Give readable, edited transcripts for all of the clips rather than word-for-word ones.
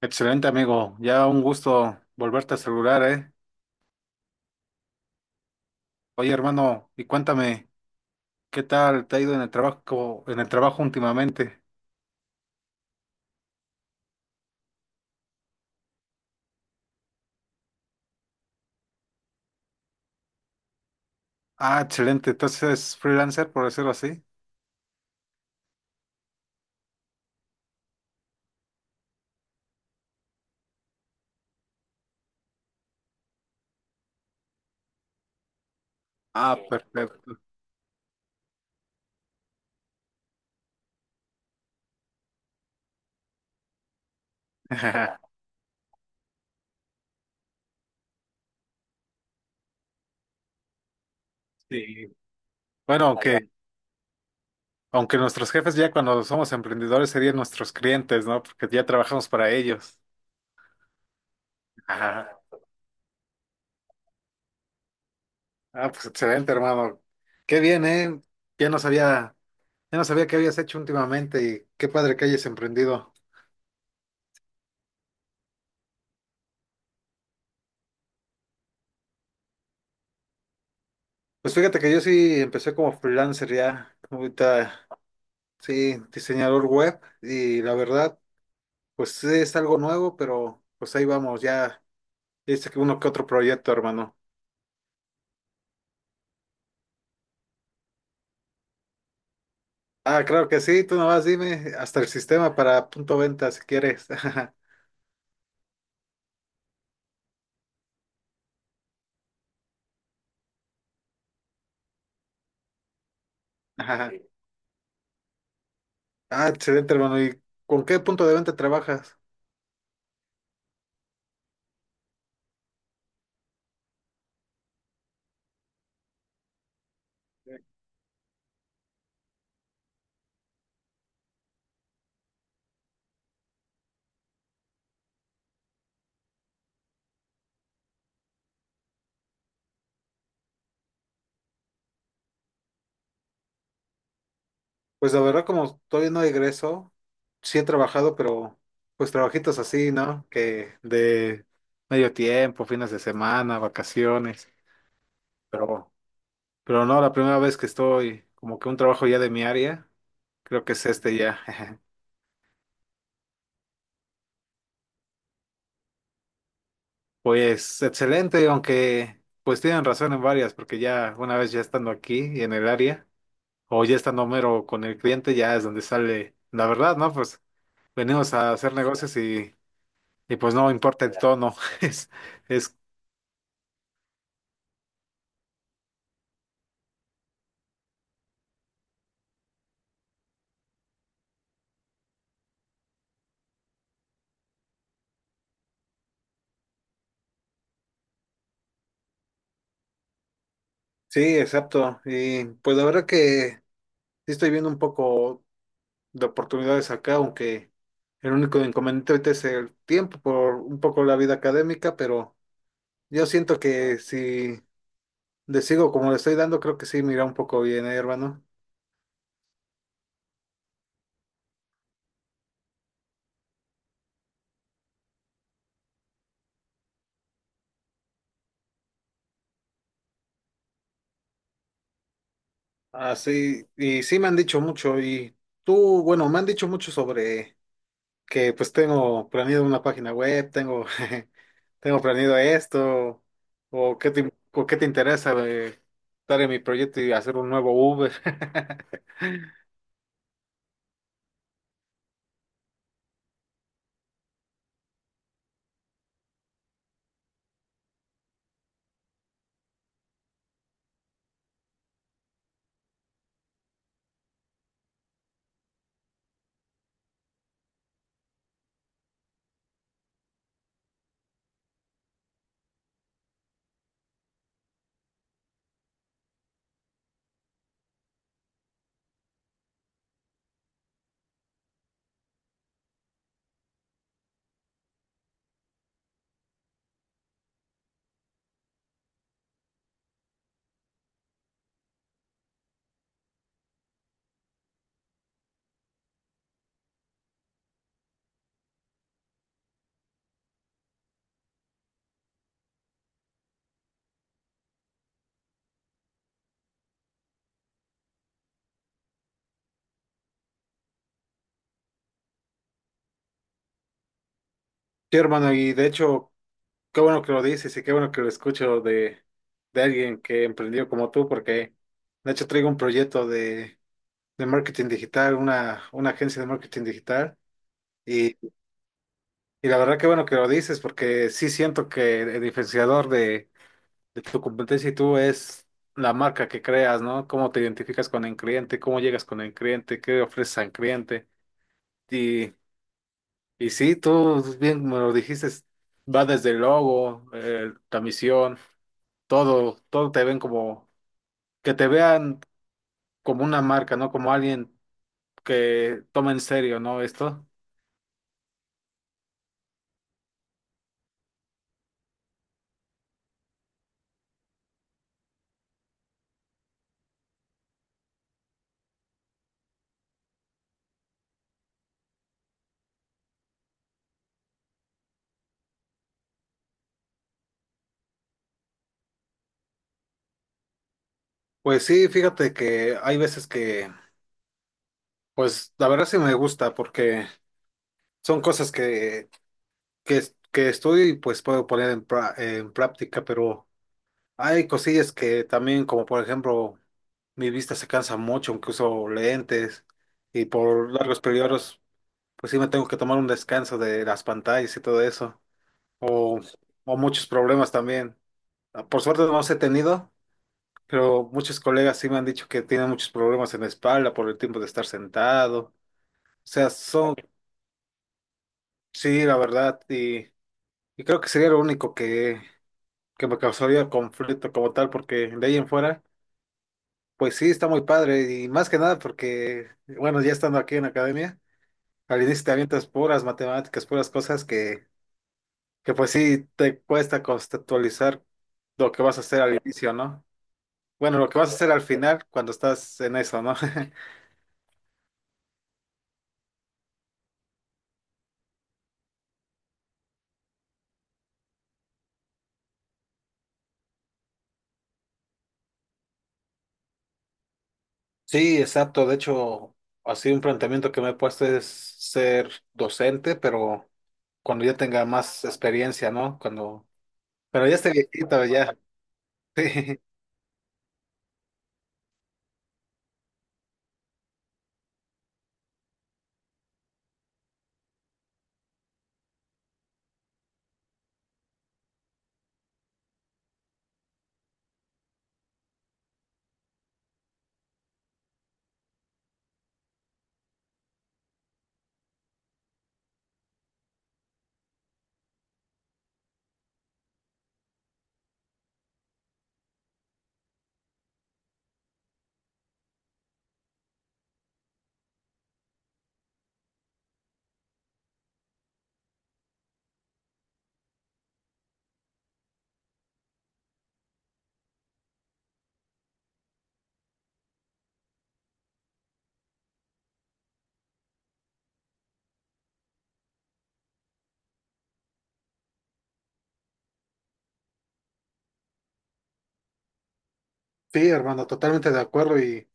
Excelente, amigo. Ya un gusto volverte a saludar, ¿eh? Oye, hermano, y cuéntame, ¿qué tal te ha ido en el trabajo últimamente? Ah, excelente. Entonces freelancer, por decirlo así. Ah, sí, perfecto. Sí. Bueno, aunque nuestros jefes ya cuando somos emprendedores serían nuestros clientes, ¿no? Porque ya trabajamos para ellos. Ajá. Ah, pues excelente, hermano. Qué bien, ¿eh? Ya no sabía, ya no sabía qué habías hecho últimamente y qué padre que hayas emprendido. Pues fíjate que yo sí empecé como freelancer ya, ahorita sí, diseñador web y la verdad, pues sí, es algo nuevo, pero pues ahí vamos, ya dice que uno que otro proyecto, hermano. Ah, claro que sí, tú nomás dime, hasta el sistema para punto venta si quieres. Ajá. Ah, excelente, hermano. ¿Y con qué punto de venta trabajas? Pues la verdad, como todavía no egreso, sí he trabajado, pero pues trabajitos así, ¿no? Que de medio tiempo, fines de semana, vacaciones. Pero, pero no, la primera vez que estoy como que un trabajo ya de mi área, creo que es este ya. Pues excelente, aunque pues tienen razón en varias, porque ya una vez ya estando aquí y en el área, o ya estando mero con el cliente, ya es donde sale la verdad, ¿no? Pues venimos a hacer negocios y pues no importa el tono. Es, es, sí, exacto. Y pues la verdad que sí estoy viendo un poco de oportunidades acá, aunque el único inconveniente ahorita es el tiempo por un poco la vida académica, pero yo siento que si le sigo como le estoy dando, creo que sí mira un poco bien, hermano. Así, y sí me han dicho mucho, y tú, bueno, me han dicho mucho sobre que pues tengo planeado una página web, tengo, tengo planeado esto, o qué te interesa estar en mi proyecto y hacer un nuevo Uber. Sí, hermano, y de hecho, qué bueno que lo dices y qué bueno que lo escucho de alguien que emprendió como tú, porque de hecho traigo un proyecto de marketing digital, una agencia de marketing digital, y, y la verdad qué bueno que lo dices, porque sí siento que el diferenciador de tu competencia y tú es la marca que creas, ¿no? Cómo te identificas con el cliente, cómo llegas con el cliente, qué ofreces al cliente. Y sí, tú bien me lo dijiste, va desde el logo, la misión, todo, todo te ven como, que te vean como una marca, ¿no? Como alguien que toma en serio, ¿no? Esto. Pues sí, fíjate que hay veces que, pues la verdad sí me gusta porque son cosas que, que, que estudio y pues puedo poner en, pra- en práctica, pero hay cosillas que también, como por ejemplo, mi vista se cansa mucho, aunque uso lentes y por largos periodos. Pues sí, me tengo que tomar un descanso de las pantallas y todo eso. O, o muchos problemas también. Ah, por suerte no los he tenido, pero muchos colegas sí me han dicho que tienen muchos problemas en la espalda por el tiempo de estar sentado. O sea, son, sí, la verdad, y creo que sería lo único que me causaría conflicto como tal, porque de ahí en fuera, pues sí, está muy padre. Y más que nada porque, bueno, ya estando aquí en la academia, al inicio te avientas puras matemáticas, puras cosas que pues sí te cuesta conceptualizar lo que vas a hacer al inicio, ¿no? Bueno, lo que vas a hacer al final cuando estás en eso, ¿no? Sí, exacto. De hecho, así un planteamiento que me he puesto es ser docente, pero cuando ya tenga más experiencia, ¿no? Cuando, pero ya esté viejito, ya. Sí, sí, hermano, totalmente de acuerdo.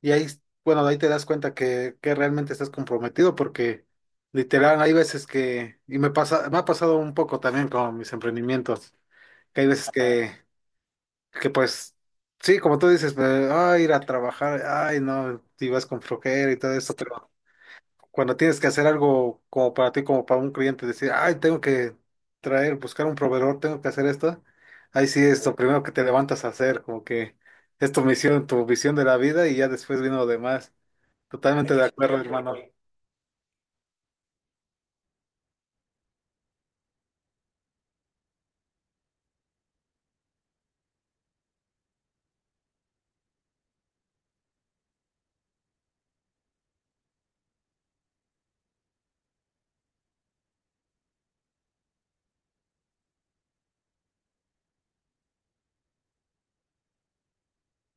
Y ahí, bueno, ahí te das cuenta que realmente estás comprometido porque literal hay veces que, y me pasa, me ha pasado un poco también con mis emprendimientos. Que hay veces que pues, sí, como tú dices, pues, ay, ir a trabajar, ay, no, y vas con flojera y todo eso, pero cuando tienes que hacer algo como para ti, como para un cliente, decir, ay, tengo que traer, buscar un proveedor, tengo que hacer esto, ahí sí es lo primero que te levantas a hacer, como que es tu misión, tu visión de la vida y ya después vino lo demás. Totalmente de acuerdo, hermano.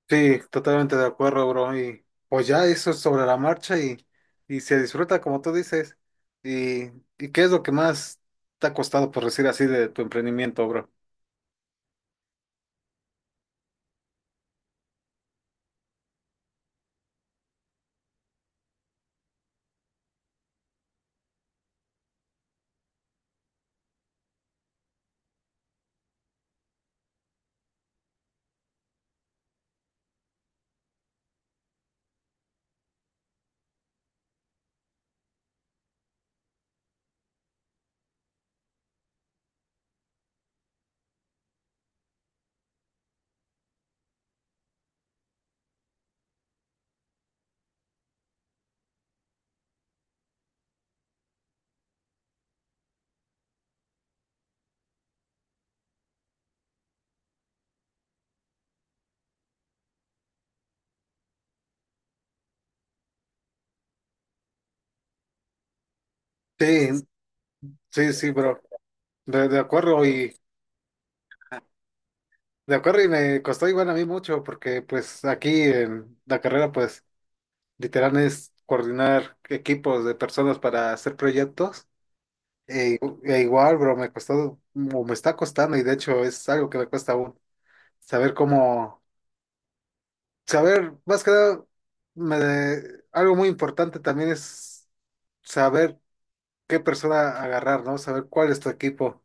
Sí, totalmente de acuerdo, bro. Y pues ya eso es sobre la marcha y se disfruta como tú dices. ¿Y, y qué es lo que más te ha costado, por decir así, de tu emprendimiento, bro? Sí, sí, sí, bro. De, de acuerdo y de acuerdo y me costó igual a mí mucho porque pues aquí en la carrera pues literal es coordinar equipos de personas para hacer proyectos. E, e igual, bro, me costó, o me está costando y de hecho es algo que me cuesta aún saber cómo. Saber, más que nada, me de- algo muy importante también es saber qué persona agarrar, ¿no? Saber cuál es tu equipo.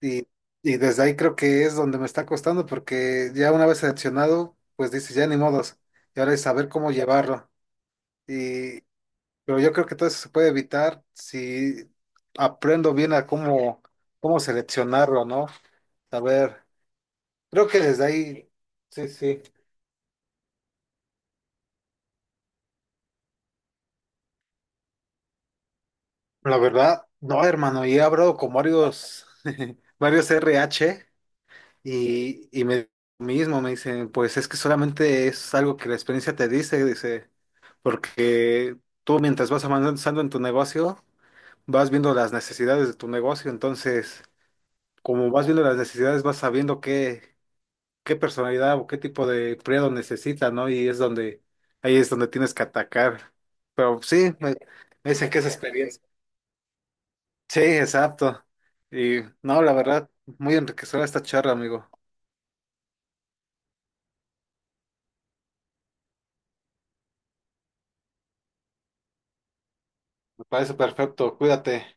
Y, y desde ahí creo que es donde me está costando, porque ya una vez seleccionado, pues dices, ya ni modos. Y ahora es saber cómo llevarlo. Y, pero yo creo que todo eso se puede evitar si aprendo bien a cómo, cómo seleccionarlo, ¿no? Saber, creo que desde ahí, sí, sí. La verdad, no, hermano, y he hablado con varios, varios RH y me mismo me dicen, pues es que solamente es algo que la experiencia te dice, dice, porque tú mientras vas avanzando en tu negocio, vas viendo las necesidades de tu negocio, entonces, como vas viendo las necesidades, vas sabiendo qué, qué personalidad o qué tipo de empleado necesita, ¿no? Y es donde, ahí es donde tienes que atacar. Pero sí, me dicen que es experiencia. Sí, exacto. Y no, la verdad, muy enriquecedora esta charla, amigo. Me parece perfecto. Cuídate.